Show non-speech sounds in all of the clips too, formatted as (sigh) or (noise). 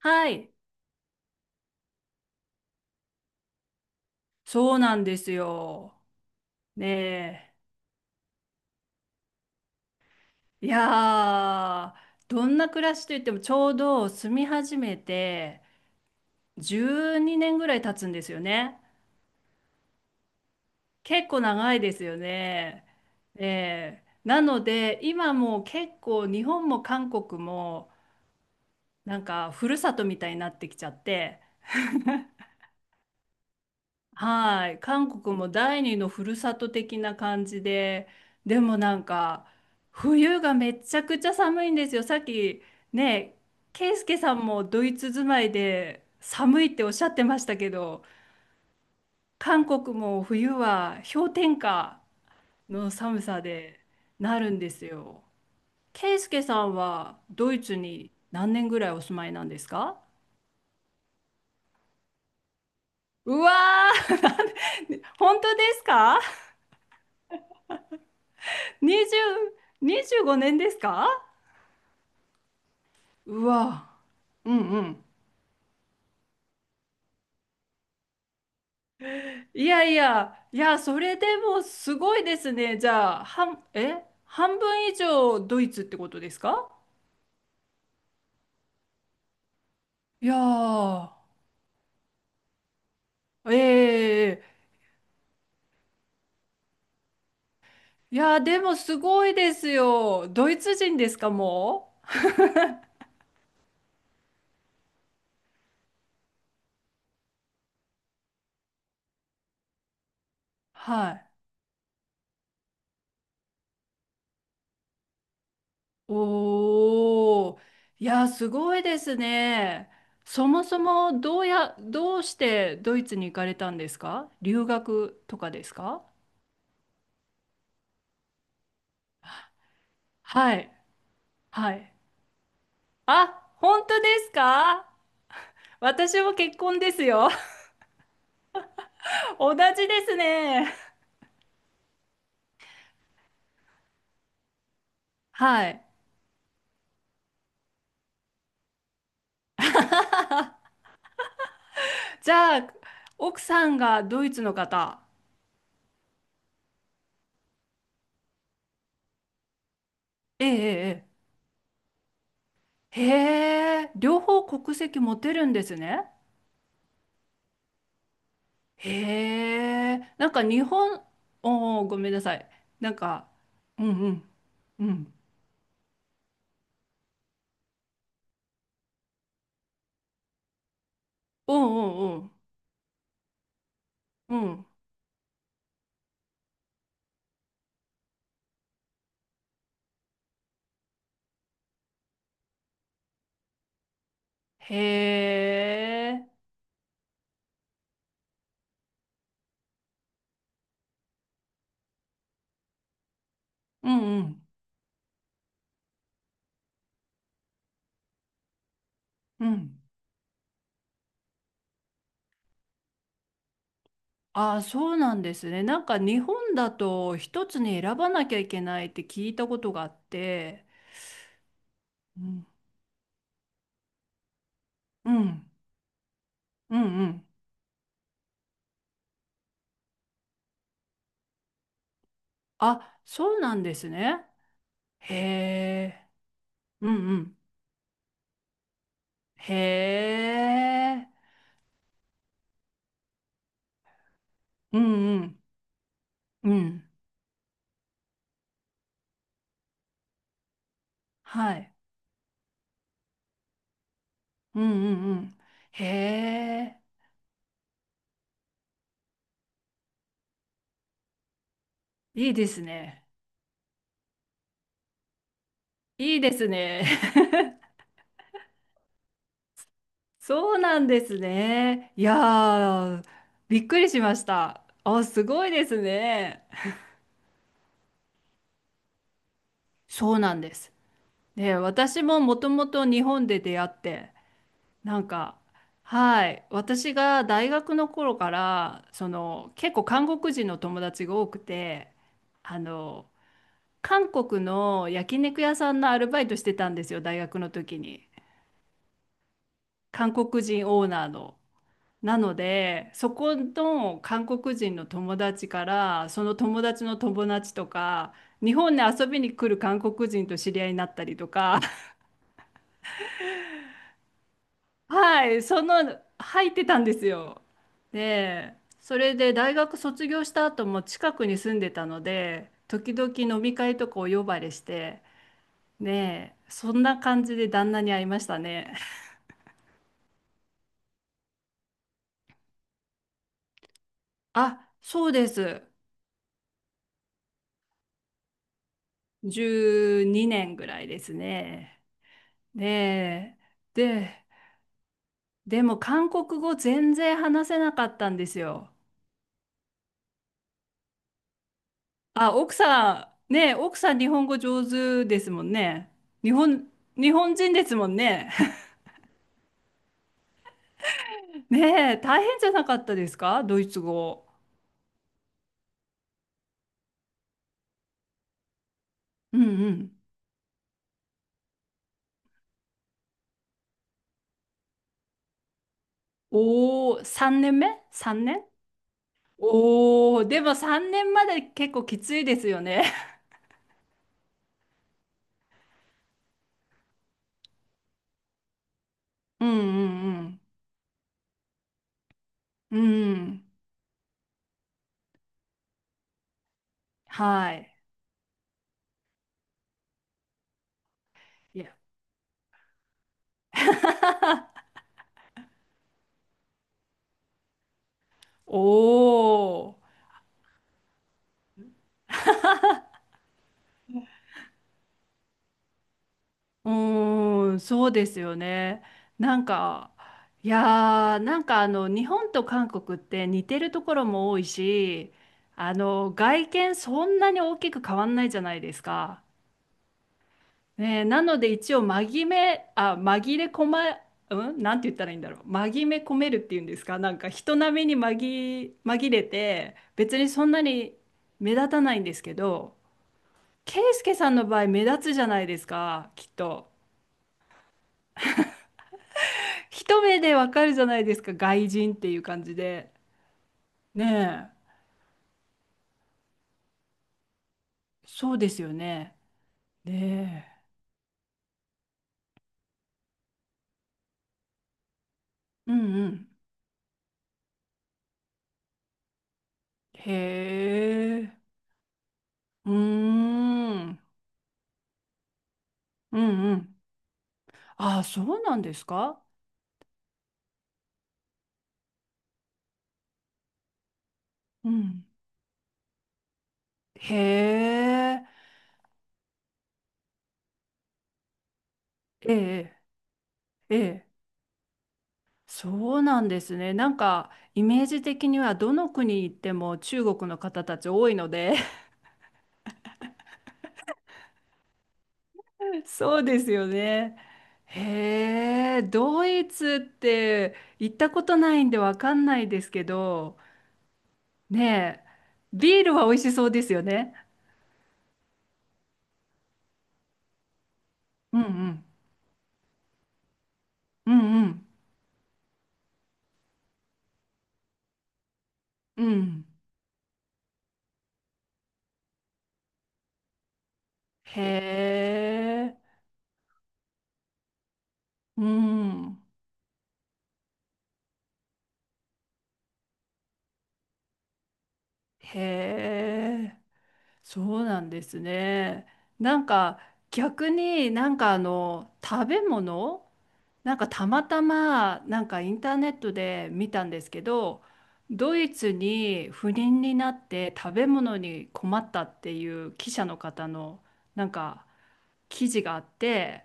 はい、そうなんですよ。ねえ。いやー、どんな暮らしといってもちょうど住み始めて12年ぐらい経つんですよね。結構長いですよね。ええ。なので、今もう結構日本も韓国もなんかふるさとみたいになってきちゃって、はい、韓国も第二のふるさと的な感じで、でもなんか冬がめちゃくちゃ寒いんですよ。さっきね、ケイスケさんもドイツ住まいで寒いっておっしゃってましたけど、韓国も冬は氷点下の寒さでなるんですよ。ケイスケさんはドイツに何年ぐらいお住まいなんですか？うわー、本当ですか？20、25年ですか？うわ、うんうん。いやいや、いや、それでもすごいですね。じゃあ、半分以上ドイツってことですか？いやー、ええ。いや、でもすごいですよ。ドイツ人ですか、もう？はい。おー、いや、すごいですね。そもそもどうしてドイツに行かれたんですか？留学とかですか？はい、はい。あ、本当ですか？私も結婚ですよ。(laughs) 同じですね。はい。じゃあ、奥さんがドイツの方。ええ、ええ。ええ、へえ、両方国籍持てるんですね。へえ、なんか日本、おお、ごめんなさい。なんか、うんうん、うん。うんうんうん、うん。へえ、うんうん、うん。ああ、そうなんですね。なんか日本だと一つに選ばなきゃいけないって聞いたことがあって。うん。うん。うんうん。あ、そうなんですね。へえ。うんうん。へえ。うんうん。うん。はい。うんうんうん。へえ。いいですね。いいですね。(laughs) そうなんですね。いやー、びっくりしました。あ、すごいですね。そうなんです。で、私ももともと日本で出会って、なんか、はい、私が大学の頃から、結構韓国人の友達が多くて、あの、韓国の焼肉屋さんのアルバイトしてたんですよ、大学の時に。韓国人オーナーの。なので、そこの韓国人の友達から、その友達の友達とか、日本に遊びに来る韓国人と知り合いになったりとか、はい、その入ってたんですよ。で、それで大学卒業した後も近くに住んでたので、時々飲み会とかお呼ばれして、ねえ、そんな感じで旦那に会いましたね。(laughs) あ、そうです。12年ぐらいですね。ねえ、でも韓国語全然話せなかったんですよ。あ、奥さん、ねえ、奥さん日本語上手ですもんね。日本、日本人ですもんね。ねえ、大変じゃなかったですか？ドイツ語。うんうん。おお、3年目 ?3 年、おおー、でも3年まで結構きついですよね。(laughs) うんうんうん。うん。はい。いや。おお、うーん、そうですよね。なんか、いやー、なんか日本と韓国って似てるところも多いし、外見そんなに大きく変わんないじゃないですか。ねえ、なので一応紛め、あ、紛れ込ま、うん、なんて言ったらいいんだろう。紛め込めるっていうんですか。なんか人並みに紛れて、別にそんなに目立たないんですけど、ケイスケさんの場合目立つじゃないですか、きっと。一目でわかるじゃないですか、外人っていう感じで。ねえ、そうですよね。ねえ。うんうん。へえ。うーん。うんうん。ああ、そうなんですか？うん。へえ、ええ、ええ、そうなんですね。なんか、イメージ的にはどの国行っても中国の方たち多いので。 (laughs) そうですよね。へえ、ドイツって行ったことないんでわかんないですけど、ねえ、ビールは美味しそうですよね。うんうん、うんうん、うん。へえ、うん、へえ。そうなんですね。なんか逆に、なんか食べ物、なんかたまたまなんかインターネットで見たんですけど、ドイツに不倫になって食べ物に困ったっていう記者の方のなんか記事があって、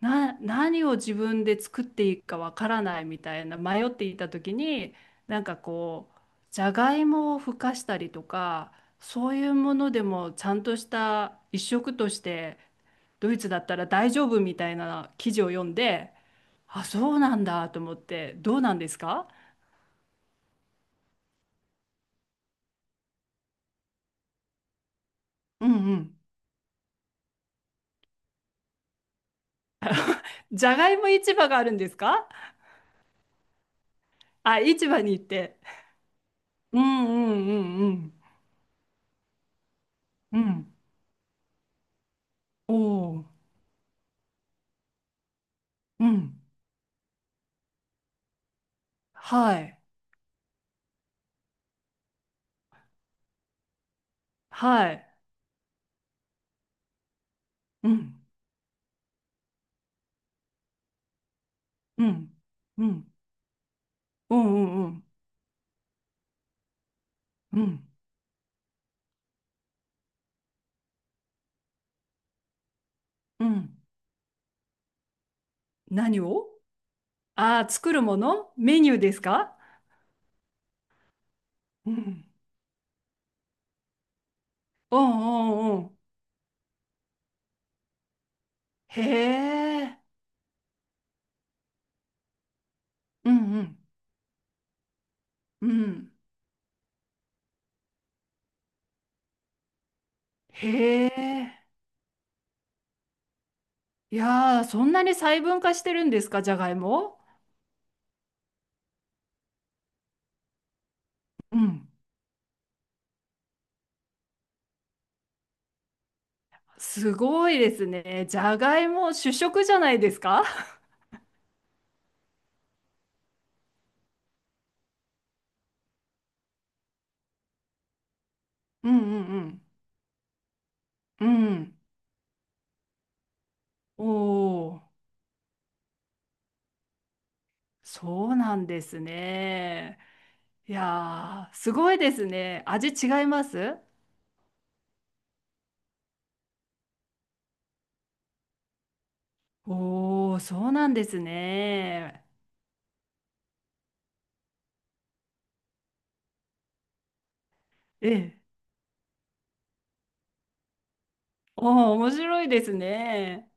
何を自分で作っていいかわからないみたいな迷っていた時に、なんかこうじゃがいもをふかしたりとか、そういうものでもちゃんとした一食としてドイツだったら大丈夫みたいな記事を読んで、あ、そうなんだと思って。どうなんですか？うんうん。じゃがいも市場があるんですか？あ、市場に行って、うんうんうん。うんうん。おお。うん。はい。はい。うんうん、うん、うん、うん、うん、うん、うん。何を、ああー、作るものメニューですか？うん、うん、うん、うん。へえ、うん、うん、うん。へえ。いやー、そんなに細分化してるんですか、じゃがいも？うん。すごいですね。じゃがいも主食じゃないですか？うんうんうん。うん。おお。そうなんですね。いやー、すごいですね。味違います？おお、そうなんですね。ええ。おお、面白いですね。